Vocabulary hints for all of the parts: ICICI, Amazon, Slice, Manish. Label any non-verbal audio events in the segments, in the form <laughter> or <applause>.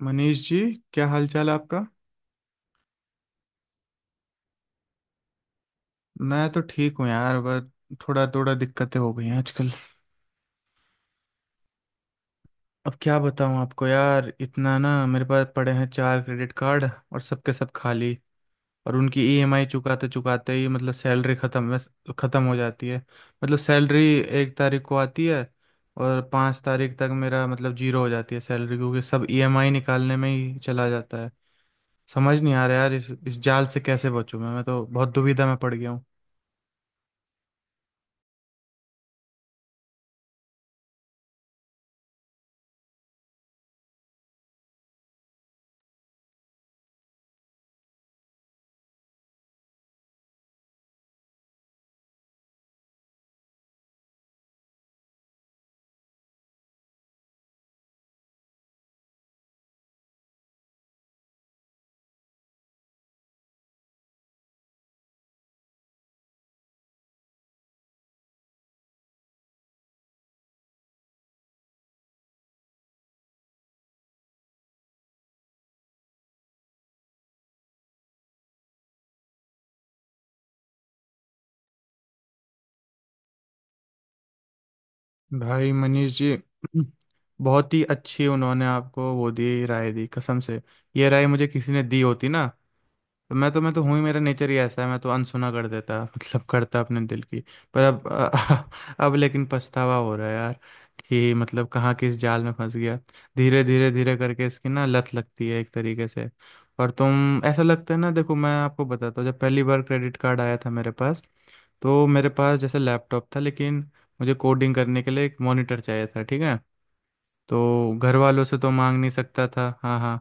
मनीष जी, क्या हाल चाल है आपका। मैं तो ठीक हूँ यार, बस थोड़ा थोड़ा दिक्कतें हो गई हैं आजकल। अब क्या बताऊँ आपको यार, इतना ना मेरे पास पड़े हैं चार क्रेडिट कार्ड और सबके सब खाली। और उनकी ईएमआई चुकाते चुकाते ही मतलब सैलरी ख़त्म, बस ख़त्म हो जाती है, मतलब सैलरी 1 तारीख को आती है और 5 तारीख तक मेरा मतलब जीरो हो जाती है सैलरी, क्योंकि सब ईएमआई निकालने में ही चला जाता है। समझ नहीं आ रहा यार इस जाल से कैसे बचूं, मैं तो बहुत दुविधा में पड़ गया। भाई मनीष जी, बहुत ही अच्छी उन्होंने आपको वो दी, राय दी कसम से। ये राय मुझे किसी ने दी होती ना तो मैं तो हूँ ही, मेरा नेचर ही ऐसा है, मैं तो अनसुना कर देता, मतलब करता अपने दिल की। पर अब <laughs> अब लेकिन पछतावा हो रहा है यार, कि मतलब कहाँ किस जाल में फंस गया। धीरे धीरे धीरे करके इसकी ना लत लगती है एक तरीके से। और तुम ऐसा लगता है ना, देखो मैं आपको बताता हूँ, जब पहली बार क्रेडिट कार्ड आया था मेरे पास तो मेरे पास जैसे लैपटॉप था, लेकिन मुझे कोडिंग करने के लिए एक मॉनिटर चाहिए था, ठीक है? तो घर वालों से तो मांग नहीं सकता था। हाँ हाँ।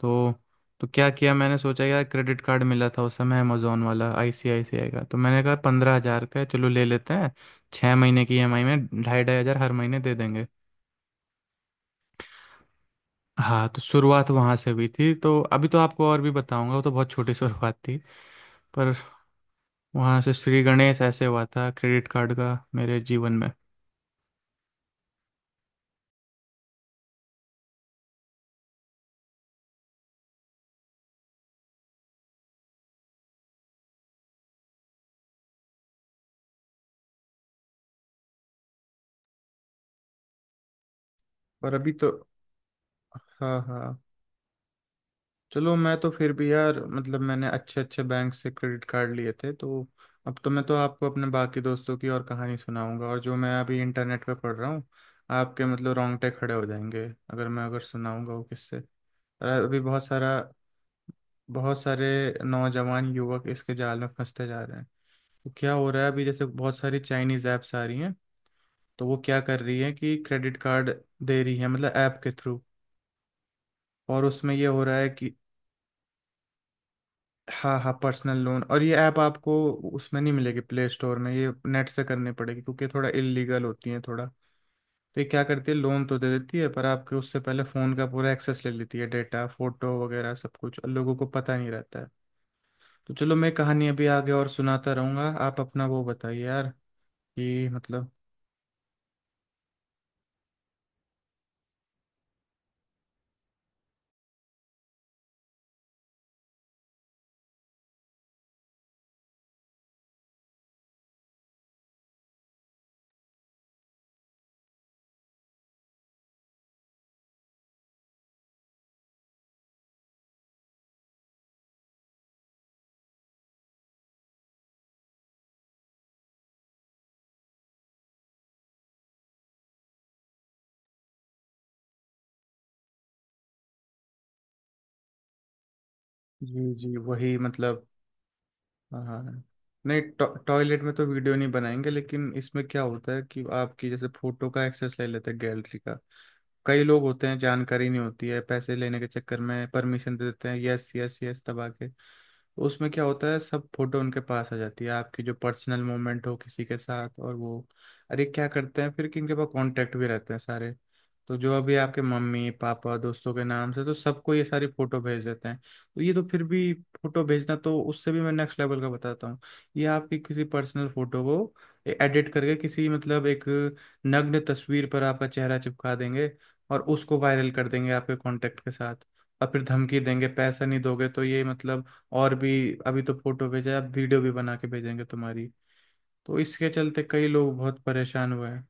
तो तो क्या किया, मैंने सोचा यार क्रेडिट कार्ड मिला था उस समय अमेजोन वाला आईसीआईसीआई का, तो मैंने कहा 15,000 का है, चलो ले लेते हैं। 6 महीने की ईएमआई में 2,500 2,500 हर महीने दे देंगे। हाँ, तो शुरुआत वहाँ से हुई थी। तो अभी तो आपको और भी बताऊंगा, वो तो बहुत छोटी शुरुआत थी। पर वहाँ से श्री गणेश ऐसे हुआ था क्रेडिट कार्ड का मेरे जीवन में। और अभी तो, हाँ हाँ, चलो मैं तो फिर भी यार, मतलब मैंने अच्छे अच्छे बैंक से क्रेडिट कार्ड लिए थे तो। अब तो मैं तो आपको अपने बाकी दोस्तों की और कहानी सुनाऊंगा, और जो मैं अभी इंटरनेट पे पढ़ रहा हूँ आपके, मतलब रोंगटे खड़े हो जाएंगे अगर मैं, अगर सुनाऊंगा वो किससे। और अभी बहुत सारे नौजवान युवक इसके जाल में फंसते जा रहे हैं। तो क्या हो रहा है अभी जैसे बहुत सारी चाइनीज ऐप्स आ रही हैं, तो वो क्या कर रही है कि क्रेडिट कार्ड दे रही है मतलब ऐप के थ्रू, और उसमें ये हो रहा है कि, हाँ हाँ, पर्सनल लोन। और ये ऐप आपको उसमें नहीं मिलेगी प्ले स्टोर में, ये नेट से करनी पड़ेगी क्योंकि ये थोड़ा इलीगल होती है थोड़ा। तो ये क्या करती है, लोन तो दे देती है पर आपके उससे पहले फ़ोन का पूरा एक्सेस ले लेती है, डेटा फोटो वगैरह सब कुछ, और लोगों को पता नहीं रहता है। तो चलो मैं कहानी अभी आगे और सुनाता रहूंगा, आप अपना वो बताइए यार, कि मतलब। जी जी, वही मतलब, हाँ हाँ, हाँ। नहीं, टॉयलेट में तो वीडियो नहीं बनाएंगे, लेकिन इसमें क्या होता है कि आपकी जैसे फोटो का एक्सेस ले लेते हैं, गैलरी का। कई लोग होते हैं जानकारी नहीं होती है, पैसे लेने के चक्कर में परमिशन दे देते हैं, यस यस यस दबा के। तो उसमें क्या होता है, सब फोटो उनके पास आ जाती है आपकी, जो पर्सनल मोमेंट हो किसी के साथ। और वो, अरे क्या करते हैं फिर, कि इनके पास कांटेक्ट भी रहते हैं सारे, तो जो अभी आपके मम्मी पापा दोस्तों के नाम से तो सबको ये सारी फोटो भेज देते हैं। तो ये तो फिर भी, फोटो भेजना, तो उससे भी मैं नेक्स्ट लेवल का बताता हूँ। ये आपकी किसी पर्सनल फोटो को एडिट करके किसी, मतलब एक नग्न तस्वीर पर आपका चेहरा चिपका देंगे और उसको वायरल कर देंगे आपके कांटेक्ट के साथ। और फिर धमकी देंगे, पैसा नहीं दोगे तो ये, मतलब और भी, अभी तो फोटो भेजा है, अब वीडियो भी बना के भेजेंगे तुम्हारी। तो इसके चलते कई लोग बहुत परेशान हुए हैं।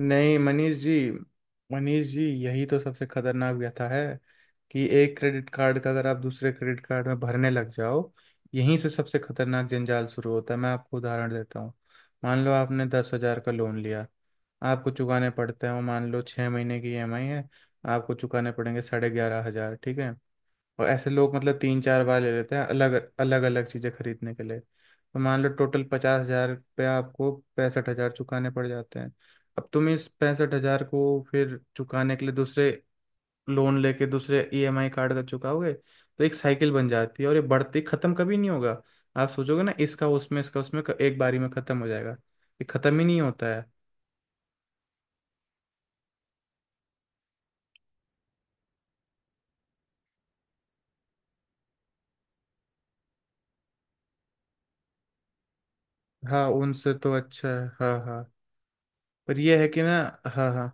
नहीं मनीष जी, मनीष जी यही तो सबसे खतरनाक व्यथा है, कि एक क्रेडिट कार्ड का अगर आप दूसरे क्रेडिट कार्ड में भरने लग जाओ, यहीं से सबसे खतरनाक जंजाल शुरू होता है। मैं आपको उदाहरण देता हूँ। मान लो आपने 10,000 का लोन लिया, आपको चुकाने पड़ते हैं, वो मान लो 6 महीने की ईएमआई है, आपको चुकाने पड़ेंगे 11,500, ठीक है? और ऐसे लोग मतलब तीन चार बार ले लेते हैं, अलग अलग अलग चीज़ें खरीदने के लिए, तो मान लो टोटल 50,000 रुपया आपको, 65,000 चुकाने पड़ जाते हैं। अब तुम इस 65,000 को फिर चुकाने के लिए दूसरे लोन लेके दूसरे ईएमआई कार्ड का चुकाओगे, तो एक साइकिल बन जाती है और ये बढ़ती, खत्म कभी नहीं होगा। आप सोचोगे ना इसका उसमें, इसका उसमें एक बारी में खत्म हो जाएगा, ये खत्म ही नहीं होता है। हाँ उनसे तो अच्छा है, हाँ हाँ। पर यह है कि ना, हाँ हाँ।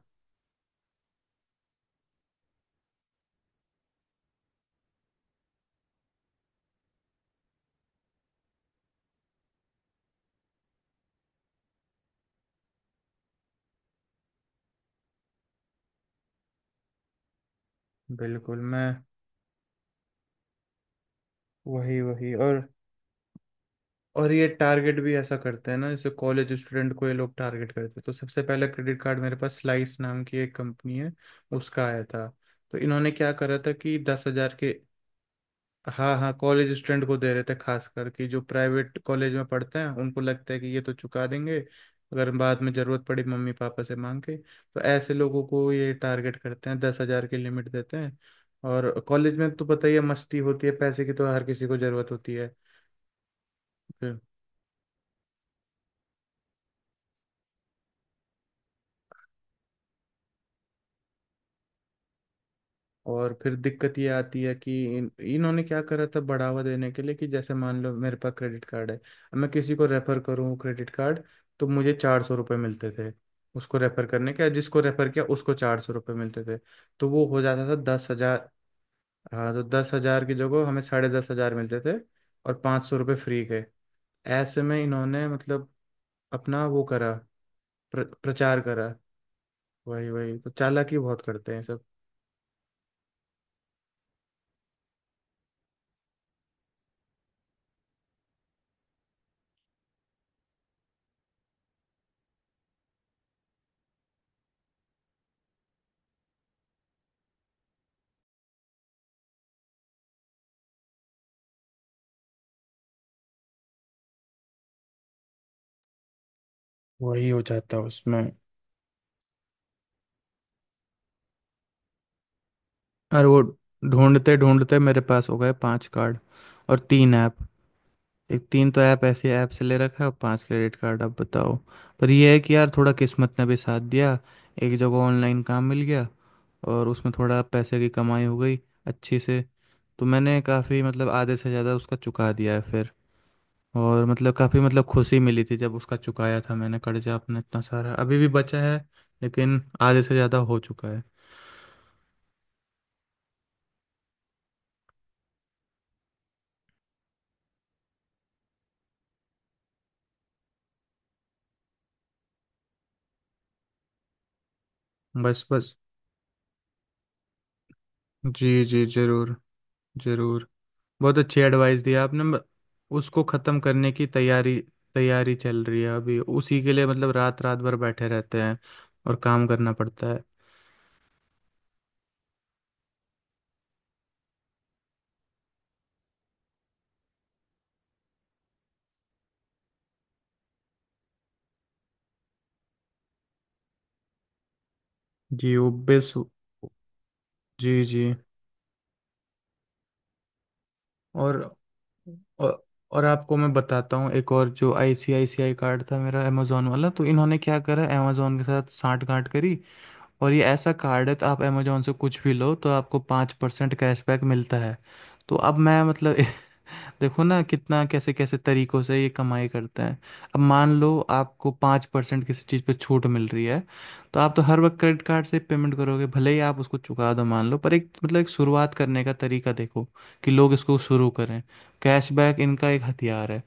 बिल्कुल मैं, वही वही और ये टारगेट भी ऐसा करते हैं ना, जैसे कॉलेज स्टूडेंट को ये लोग टारगेट करते हैं। तो सबसे पहला क्रेडिट कार्ड मेरे पास स्लाइस नाम की एक कंपनी है, उसका आया था। तो इन्होंने क्या करा था कि 10,000 के, हाँ हाँ, कॉलेज स्टूडेंट को दे रहे थे खास करके, जो प्राइवेट कॉलेज में पढ़ते हैं उनको लगता है कि ये तो चुका देंगे, अगर बाद में ज़रूरत पड़ी मम्मी पापा से मांग के, तो ऐसे लोगों को ये टारगेट करते हैं, 10,000 की लिमिट देते हैं। और कॉलेज में तो पता ही है मस्ती होती है, पैसे की तो हर किसी को ज़रूरत होती है। और फिर दिक्कत ये आती है कि इन्होंने क्या करा था बढ़ावा देने के लिए, कि जैसे मान लो मेरे पास क्रेडिट कार्ड है, अब मैं किसी को रेफर करूँ क्रेडिट कार्ड तो मुझे ₹400 मिलते थे उसको रेफर करने के, जिसको रेफर किया उसको ₹400 मिलते थे, तो वो हो जाता था 10,000। हाँ तो 10,000 की जगह हमें 10,500 मिलते थे, और ₹500 फ्री के। ऐसे में इन्होंने, मतलब अपना वो करा, प्रचार करा। वही वही, तो चालाकी बहुत करते हैं सब। वही हो जाता है उसमें। और वो ढूंढते ढूंढते मेरे पास हो गए पांच कार्ड और तीन ऐप। एक, तीन तो ऐप ऐसे ऐप से ले रखा है और पांच क्रेडिट कार्ड, अब बताओ। पर ये है कि यार थोड़ा किस्मत ने भी साथ दिया, एक जगह ऑनलाइन काम मिल गया और उसमें थोड़ा पैसे की कमाई हो गई अच्छी से। तो मैंने काफ़ी, मतलब आधे से ज़्यादा उसका चुका दिया है फिर। और मतलब काफ़ी, मतलब खुशी मिली थी जब उसका चुकाया था मैंने, कर्जा अपना इतना सारा अभी भी बचा है लेकिन आधे से ज़्यादा हो चुका है। बस बस, जी जी ज़रूर, ज़रूर। बहुत अच्छी एडवाइस दी आपने। उसको ख़त्म करने की तैयारी, तैयारी चल रही है अभी उसी के लिए, मतलब रात रात भर बैठे रहते हैं और काम करना पड़ता है। जी वो बेस, जी जी। और, और, और आपको मैं बताता हूँ एक और, जो आईसीआईसीआई कार्ड था मेरा अमेजोन वाला, तो इन्होंने क्या करा, अमेजोन के साथ सांठ गांठ करी, और ये ऐसा कार्ड है तो आप अमेजोन से कुछ भी लो तो आपको 5% कैशबैक मिलता है। तो अब मैं, मतलब <laughs> देखो ना कितना कैसे कैसे तरीकों से ये कमाई करते हैं। अब मान लो आपको 5% किसी चीज़ पे छूट मिल रही है, तो आप तो हर वक्त क्रेडिट कार्ड से पेमेंट करोगे, भले ही आप उसको चुका दो मान लो, पर एक, मतलब एक शुरुआत करने का तरीका देखो कि लोग इसको शुरू करें। कैशबैक इनका एक हथियार है।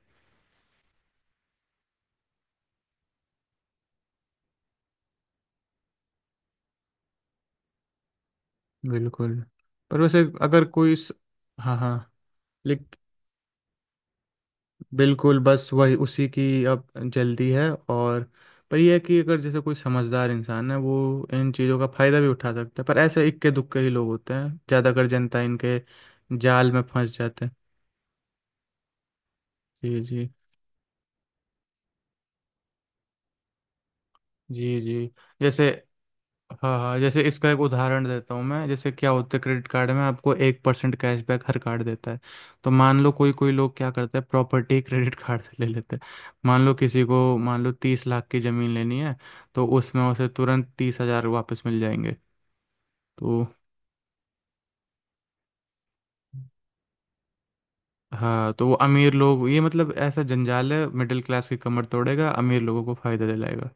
बिल्कुल, पर वैसे अगर कोई इस, हाँ हाँ, बिल्कुल बस वही उसी की अब जल्दी है और। पर यह है कि अगर जैसे कोई समझदार इंसान है वो इन चीज़ों का फ़ायदा भी उठा सकता है, पर ऐसे इक्के दुक्के ही लोग होते हैं, ज़्यादातर जनता इनके जाल में फंस जाते हैं। जी जी, जी जी। जैसे, हाँ हाँ, जैसे इसका एक उदाहरण देता हूँ मैं, जैसे क्या होता है, क्रेडिट कार्ड में आपको 1% कैशबैक हर कार्ड देता है। तो मान लो कोई कोई लोग क्या करते हैं, प्रॉपर्टी क्रेडिट कार्ड से ले लेते हैं। मान लो किसी को, मान लो 30 लाख की ज़मीन लेनी है, तो उसमें उसे तुरंत 30,000 वापस मिल जाएंगे तो। हाँ तो वो अमीर लोग, ये मतलब ऐसा जंजाल है, मिडिल क्लास की कमर तोड़ेगा, अमीर लोगों को फायदा दिलाएगा।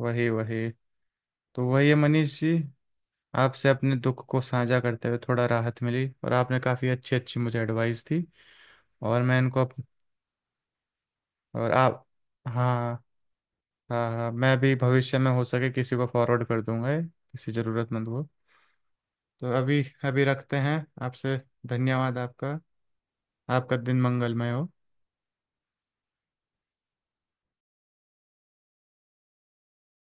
वही वही, तो वही है मनीष जी। आपसे अपने दुख को साझा करते हुए थोड़ा राहत मिली, और आपने काफ़ी अच्छी अच्छी मुझे एडवाइस दी, और मैं इनको और आप, हाँ, हाँ हाँ मैं भी भविष्य में हो सके किसी को फॉरवर्ड कर दूंगा ये, किसी ज़रूरतमंद को। तो अभी अभी रखते हैं। आपसे, धन्यवाद आपका। आपका दिन मंगलमय हो।